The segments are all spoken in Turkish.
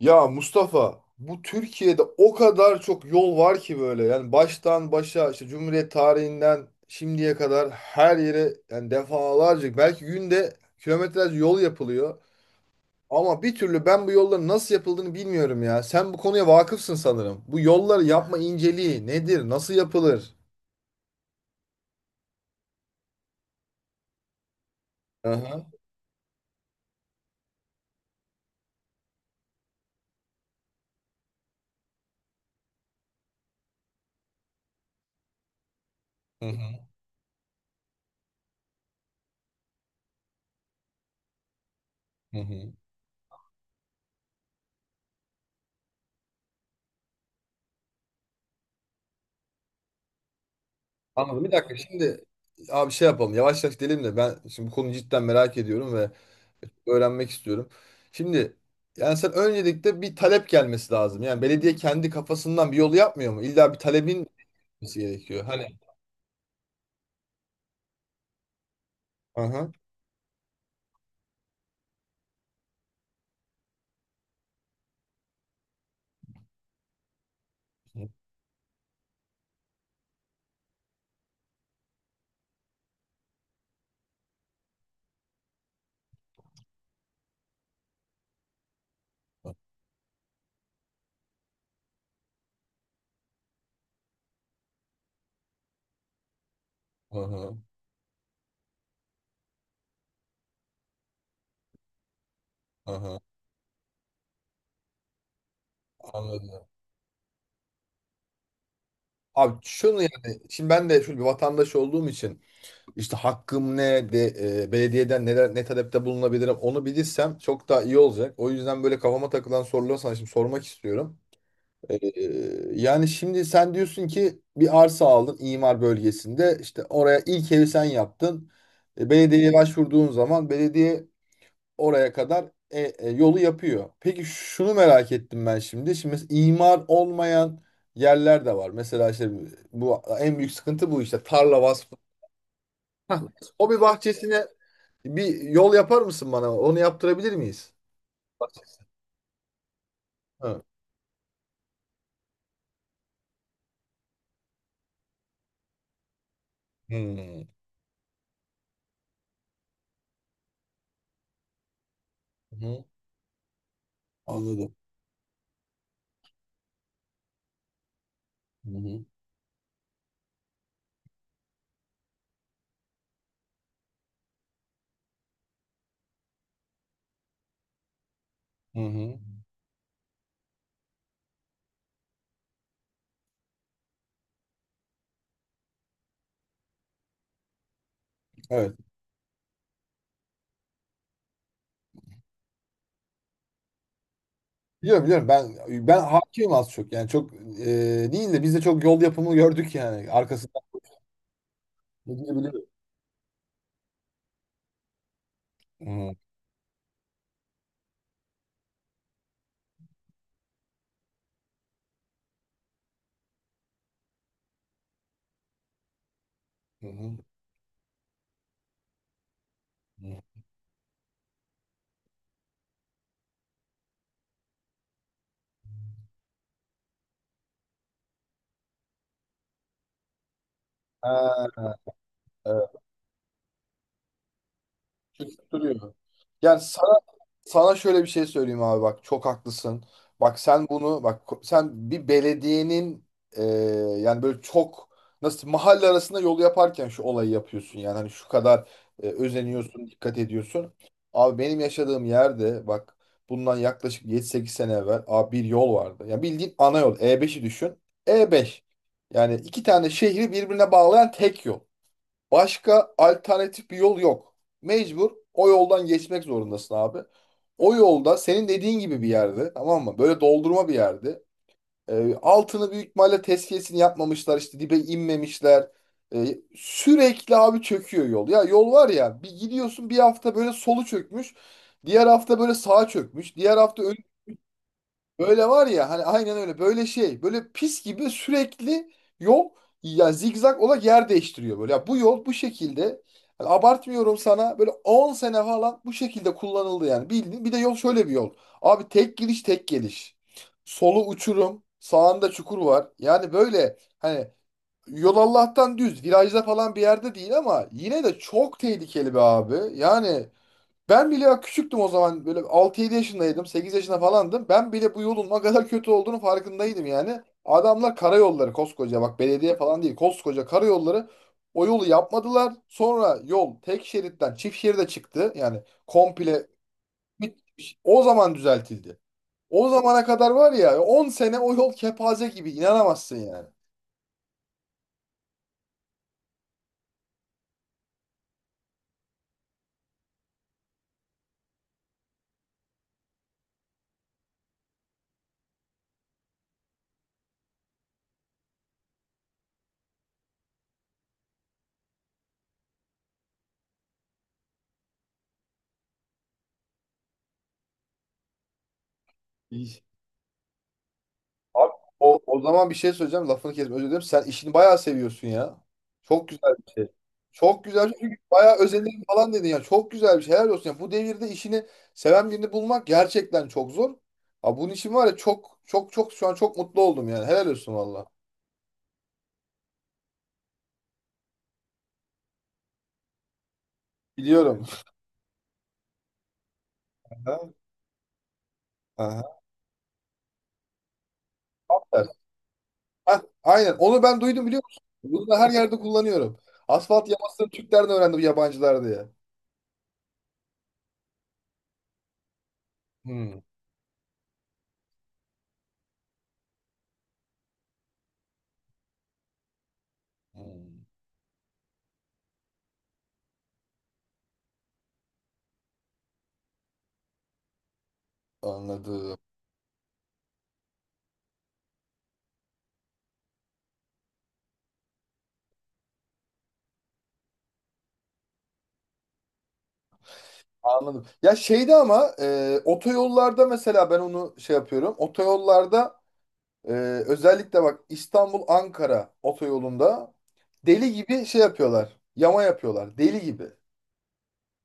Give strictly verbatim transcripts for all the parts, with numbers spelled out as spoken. Ya Mustafa bu Türkiye'de o kadar çok yol var ki böyle yani baştan başa işte Cumhuriyet tarihinden şimdiye kadar her yere yani defalarca belki günde kilometrelerce yol yapılıyor. Ama bir türlü ben bu yolların nasıl yapıldığını bilmiyorum ya. Sen bu konuya vakıfsın sanırım. Bu yolları yapma inceliği nedir? Nasıl yapılır? Hı. Hı hı. Hı hı. Anladım. Bir dakika şimdi abi şey yapalım. Yavaş yavaş gidelim de ben şimdi bu konuyu cidden merak ediyorum ve öğrenmek istiyorum. Şimdi yani sen öncelikle bir talep gelmesi lazım. Yani belediye kendi kafasından bir yolu yapmıyor mu? İlla bir talebin olması gerekiyor. Hani. Aha. Aha. Aha. Anladım. Abi şunu yani şimdi ben de şöyle bir vatandaş olduğum için işte hakkım ne de e, belediyeden neler ne talepte bulunabilirim onu bilirsem çok daha iyi olacak. O yüzden böyle kafama takılan soruları sana şimdi sormak istiyorum. Ee, yani şimdi sen diyorsun ki bir arsa aldın imar bölgesinde işte oraya ilk evi sen yaptın. E, Belediyeye başvurduğun zaman belediye oraya kadar e, e, yolu yapıyor. Peki şunu merak ettim ben şimdi. Şimdi mes- imar olmayan yerler de var. Mesela işte bu en büyük sıkıntı bu işte tarla vasfı. Hah. O bir bahçesine bir yol yapar mısın bana? Onu yaptırabilir miyiz? Ha. Hmm. Hı. Anladım. Hı hı. Hı hı. Evet. Biliyorum biliyorum ben ben hakimim az çok yani çok e, değil de biz de çok yol yapımı gördük yani arkasından gidilebiliyor. Hı hı. Hı. Ha, evet. Çünkü duruyor. Yani. Sana şöyle bir şey söyleyeyim abi bak çok haklısın. Bak sen bunu bak ko- sen bir belediyenin e, yani böyle çok nasıl mahalle arasında yol yaparken şu olayı yapıyorsun yani hani şu kadar e, özeniyorsun dikkat ediyorsun. Abi benim yaşadığım yerde bak bundan yaklaşık yedi sekiz sene evvel abi bir yol vardı. Yani bildiğin ana yol E beşi düşün. E beş yani iki tane şehri birbirine bağlayan tek yol. Başka alternatif bir yol yok. Mecbur o yoldan geçmek zorundasın abi. O yolda senin dediğin gibi bir yerde tamam mı? Böyle doldurma bir yerde. Ee, altını büyük ihtimalle tezkiyesini yapmamışlar işte dibe inmemişler. Ee, sürekli abi çöküyor yol. Ya yol var ya bir gidiyorsun bir hafta böyle solu çökmüş. Diğer hafta böyle sağa çökmüş. Diğer hafta. Böyle var ya hani aynen öyle böyle şey böyle pis gibi sürekli yol ya zigzag olarak yer değiştiriyor böyle. Ya bu yol bu şekilde hani abartmıyorum sana böyle on sene falan bu şekilde kullanıldı yani bildiğin. Bir de yol şöyle bir yol. Abi tek giriş tek geliş. Solu uçurum sağında çukur var. Yani böyle hani yol Allah'tan düz virajda falan bir yerde değil ama yine de çok tehlikeli be abi. Yani ben bile bak küçüktüm o zaman böyle altı yedi yaşındaydım sekiz yaşında falandım. Ben bile bu yolun ne kadar kötü olduğunu farkındaydım yani. Adamlar karayolları koskoca bak belediye falan değil koskoca karayolları o yolu yapmadılar. Sonra yol tek şeritten çift şeride çıktı yani komple bitmiş. O zaman düzeltildi. O zamana kadar var ya on sene o yol kepaze gibi inanamazsın yani. Abi, o, o zaman bir şey söyleyeceğim. Lafını kesme. Özür dilerim. Sen işini bayağı seviyorsun ya. Çok güzel bir şey. Çok güzel bir şey. Çünkü bayağı özenirim falan dedin ya. Çok güzel bir şey. Helal olsun. Ya. Bu devirde işini seven birini bulmak gerçekten çok zor. Ha, bunun için var ya çok çok çok şu an çok mutlu oldum yani. Helal olsun valla. Biliyorum. Aha, aha. Hah, aynen. Onu ben duydum biliyor musun? Bunu da her yerde kullanıyorum. Asfalt yamasını Türklerden öğrendim yabancılar diye. Hmm. Hmm. Anladım. Anladım. Ya şeyde ama e, otoyollarda mesela ben onu şey yapıyorum. Otoyollarda e, özellikle bak İstanbul-Ankara otoyolunda deli gibi şey yapıyorlar. Yama yapıyorlar. Deli gibi.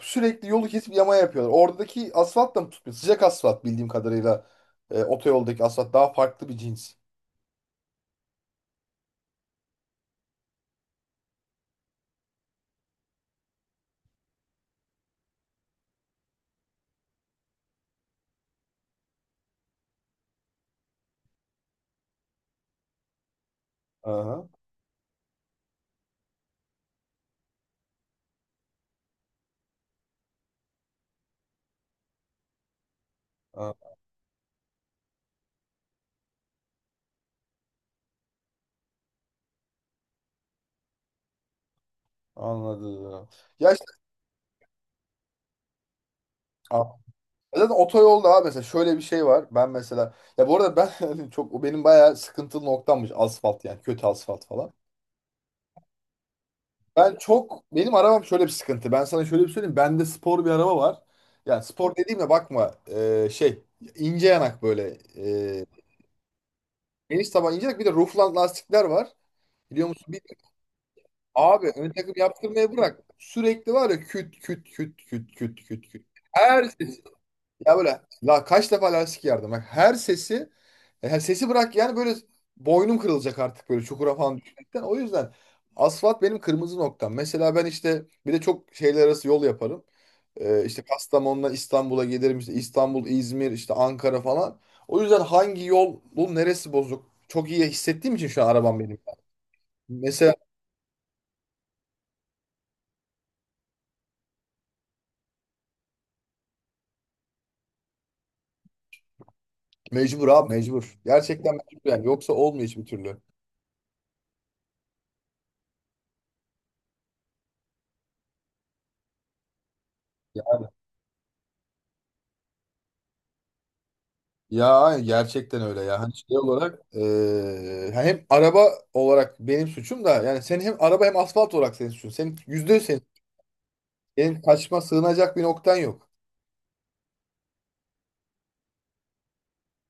Sürekli yolu kesip yama yapıyorlar. Oradaki asfalt da mı tutmuyor? Sıcak asfalt bildiğim kadarıyla. E, otoyoldaki asfalt daha farklı bir cins. Aha, aha, anladım. Ya işte. Zaten otoyolda abi mesela şöyle bir şey var. Ben mesela ya bu arada ben hani çok o benim bayağı sıkıntılı noktammış asfalt yani kötü asfalt falan. Ben çok benim arabam şöyle bir sıkıntı. Ben sana şöyle bir söyleyeyim. Bende spor bir araba var. Yani spor dediğime bakma e, şey ince yanak böyle e, geniş taban ince yanak bir de roofland lastikler var. Biliyor musun? Bir, abi ön takım yaptırmaya bırak. Sürekli var ya küt küt küt küt küt küt küt. Her şey. Ya böyle la kaç defa lastik yardım. Bak her sesi e, her sesi bırak yani böyle boynum kırılacak artık böyle çukura falan düşmekten. O yüzden asfalt benim kırmızı noktam. Mesela ben işte bir de çok şeyler arası yol yaparım. Ee, işte Kastamonu'dan İstanbul'a gelirim. İşte İstanbul, İzmir, işte Ankara falan. O yüzden hangi yol, bu neresi bozuk? Çok iyi hissettiğim için şu an arabam benim. Mesela mecbur abi mecbur. Gerçekten mecbur yani. Yoksa olmuyor hiçbir türlü. Ya gerçekten öyle ya. Hani şey olarak eee, hem araba olarak benim suçum da yani senin hem araba hem asfalt olarak senin suçun. Senin yüzde yüz senin. Senin kaçma sığınacak bir noktan yok.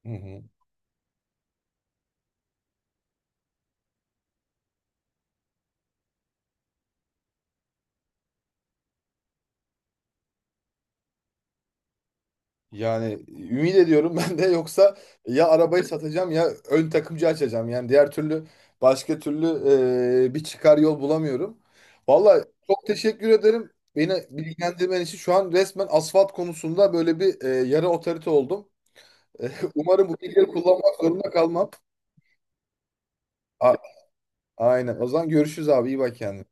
Hı hı. Yani ümit ediyorum ben de yoksa ya arabayı satacağım ya ön takımcı açacağım. Yani diğer türlü başka türlü eee, bir çıkar yol bulamıyorum. Vallahi çok teşekkür ederim. Beni bilgilendirmen için şu an resmen asfalt konusunda böyle bir eee, yarı otorite oldum. Umarım bu bilgileri kullanmak zorunda kalmam. A- Aynen. O zaman görüşürüz abi. İyi bak kendine.